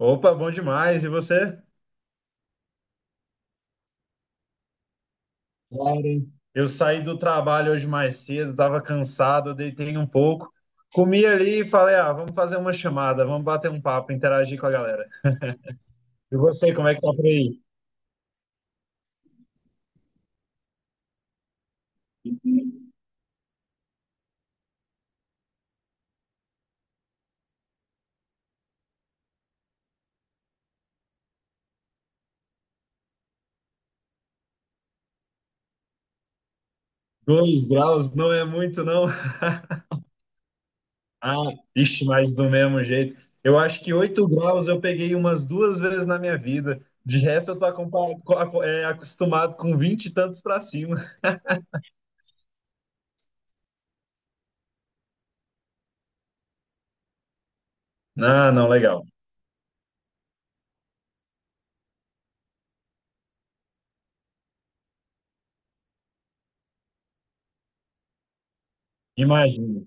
Opa, bom demais. E você? Claro. Hein? Eu saí do trabalho hoje mais cedo, estava cansado, deitei um pouco, comi ali e falei: ah, vamos fazer uma chamada, vamos bater um papo, interagir com a galera. E você, como é que tá por aí? 2 graus não é muito, não? Ah, ixi, mas do mesmo jeito. Eu acho que 8 graus eu peguei umas duas vezes na minha vida. De resto, eu tô acompa- co- aco- é, acostumado com vinte e tantos para cima. Não, não, legal. Imagino.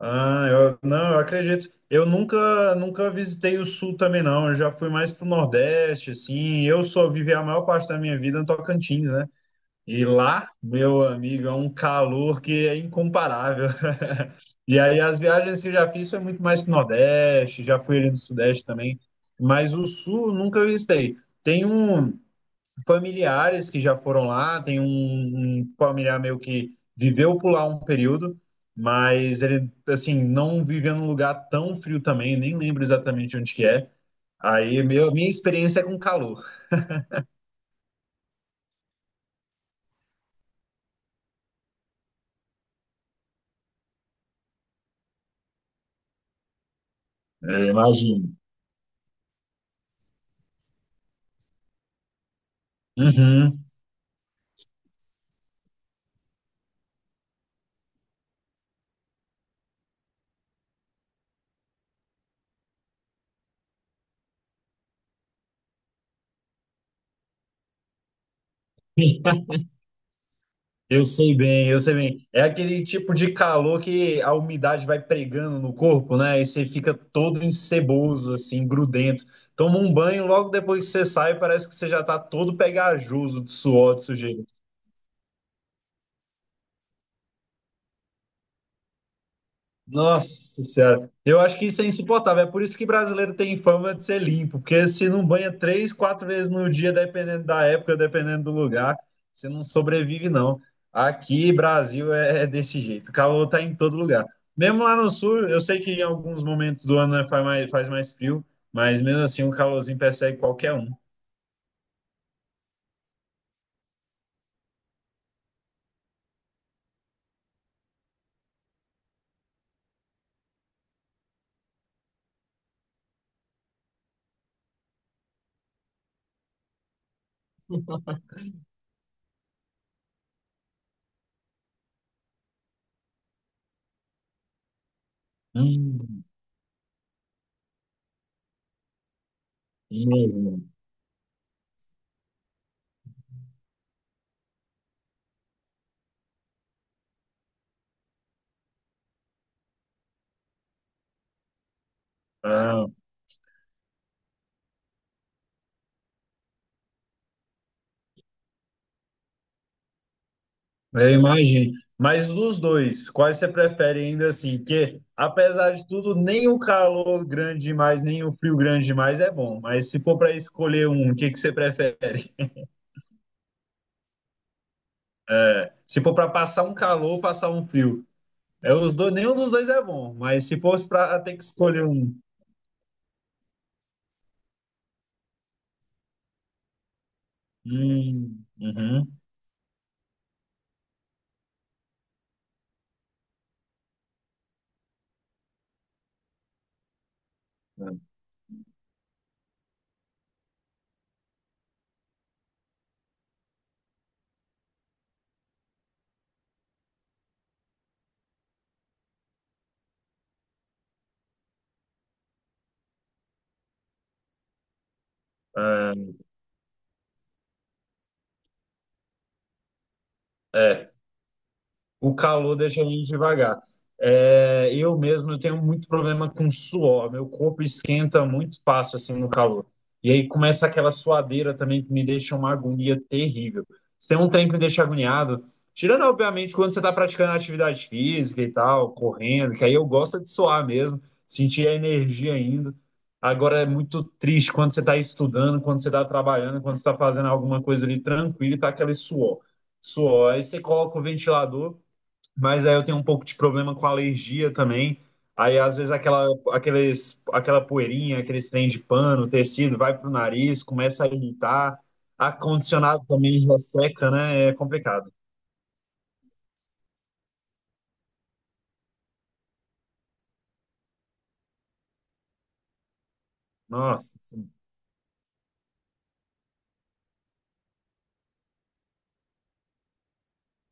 Ah, não, eu acredito. Eu nunca visitei o Sul também, não. Eu já fui mais pro Nordeste, assim. Eu só vivi a maior parte da minha vida no Tocantins, né? E lá, meu amigo, é um calor que é incomparável. E aí, as viagens que eu já fiz foi muito mais pro Nordeste, já fui ali no Sudeste também. Mas o Sul, eu nunca visitei. Tem um, familiares que já foram lá, tem um familiar meu que viveu por lá um período, mas ele, assim, não viveu num lugar tão frio também, nem lembro exatamente onde que é. Aí, minha experiência é com calor. É, imagino. Uhum. Eu sei bem. É aquele tipo de calor que a umidade vai pregando no corpo, né? E você fica todo enceboso, assim, grudento. Toma um banho, logo depois que você sai, parece que você já tá todo pegajoso de suor, de sujeira. Nossa Senhora, eu acho que isso é insuportável. É por isso que brasileiro tem fama de ser limpo, porque se não banha três, quatro vezes no dia, dependendo da época, dependendo do lugar, você não sobrevive, não. Aqui, Brasil, é desse jeito. O calor tá em todo lugar. Mesmo lá no sul, eu sei que em alguns momentos do ano né, faz mais frio, mas mesmo assim o calorzinho persegue qualquer um. Hum, hum. Ah, eu imagino. Mas dos dois, quais você prefere ainda assim? Porque, apesar de tudo, nem o calor grande demais, nem o frio grande demais é bom. Mas se for para escolher um, o que que você prefere? É, se for para passar um calor, passar um frio. É, os dois, nenhum dos dois é bom. Mas se fosse para ter que escolher um. Uhum. É, é. O calor deixa a gente devagar. É, eu mesmo eu tenho muito problema com suor, meu corpo esquenta muito fácil assim no calor. E aí começa aquela suadeira também que me deixa uma agonia terrível. Se tem um trem que me deixa agoniado, tirando obviamente quando você está praticando atividade física e tal, correndo, que aí eu gosto de suar mesmo, sentir a energia ainda. Agora é muito triste quando você está estudando, quando você está trabalhando, quando você está fazendo alguma coisa ali tranquilo e tá aquele suor. Suor. Aí você coloca o ventilador. Mas aí eu tenho um pouco de problema com alergia também. Aí às vezes aquela poeirinha, aqueles trem de pano, tecido, vai pro nariz, começa a irritar. Ar-condicionado também resseca, né? É complicado. Nossa. Sim.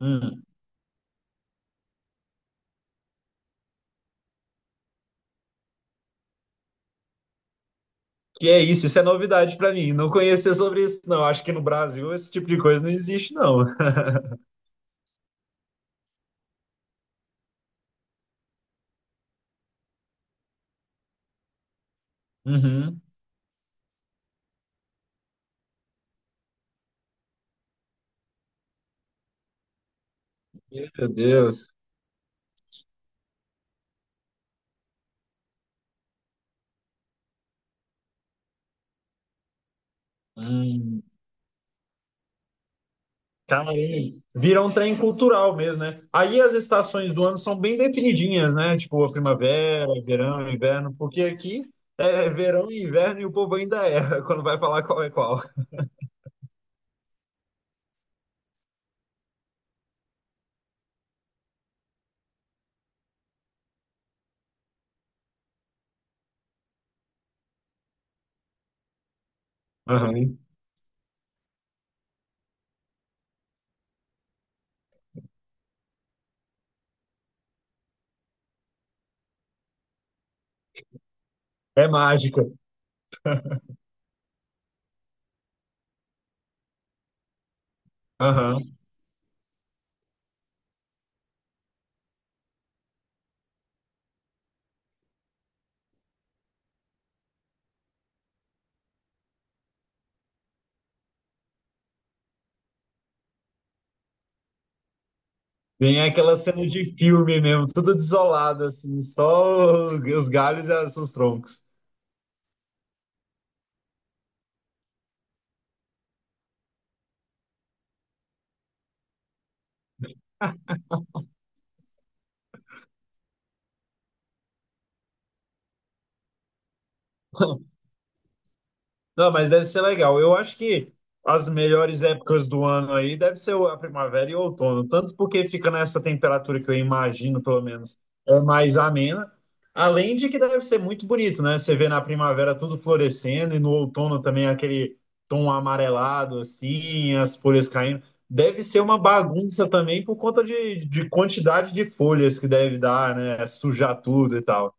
Hum. Que é isso? Isso é novidade para mim. Não conhecia sobre isso, não. Acho que no Brasil esse tipo de coisa não existe, não. Uhum. Meu Deus. Hum. Caramba, vira um trem cultural mesmo, né? Aí as estações do ano são bem definidinhas, né? Tipo, a primavera, verão, inverno, porque aqui é verão e inverno e o povo ainda erra quando vai falar qual é qual. Aham. É mágica. Aham. Tem aquela cena de filme mesmo, tudo desolado, só os galhos e os troncos. Não, mas deve ser legal. Eu acho que as melhores épocas do ano aí deve ser a primavera e o outono, tanto porque fica nessa temperatura que eu imagino, pelo menos, é mais amena, além de que deve ser muito bonito, né? Você vê na primavera tudo florescendo e no outono também aquele tom amarelado, assim, as folhas caindo. Deve ser uma bagunça também por conta de quantidade de folhas que deve dar, né? Sujar tudo e tal.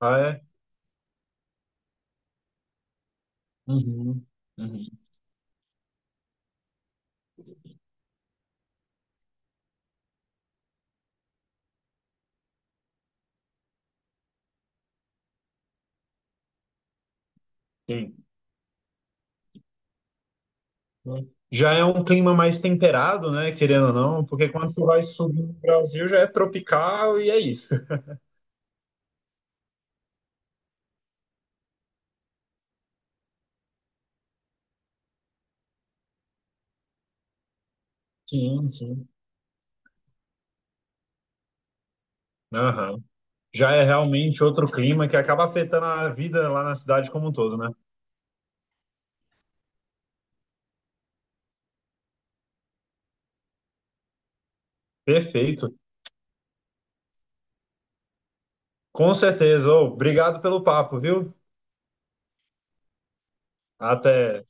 Ah, é? Uhum. Uhum. Sim. Já é um clima mais temperado, né? Querendo ou não, porque quando você vai subir no Brasil já é tropical e é isso. Sim, sim. Aham. Já é realmente outro clima que acaba afetando a vida lá na cidade como um todo, né? Perfeito. Com certeza. Ô, obrigado pelo papo, viu? Até.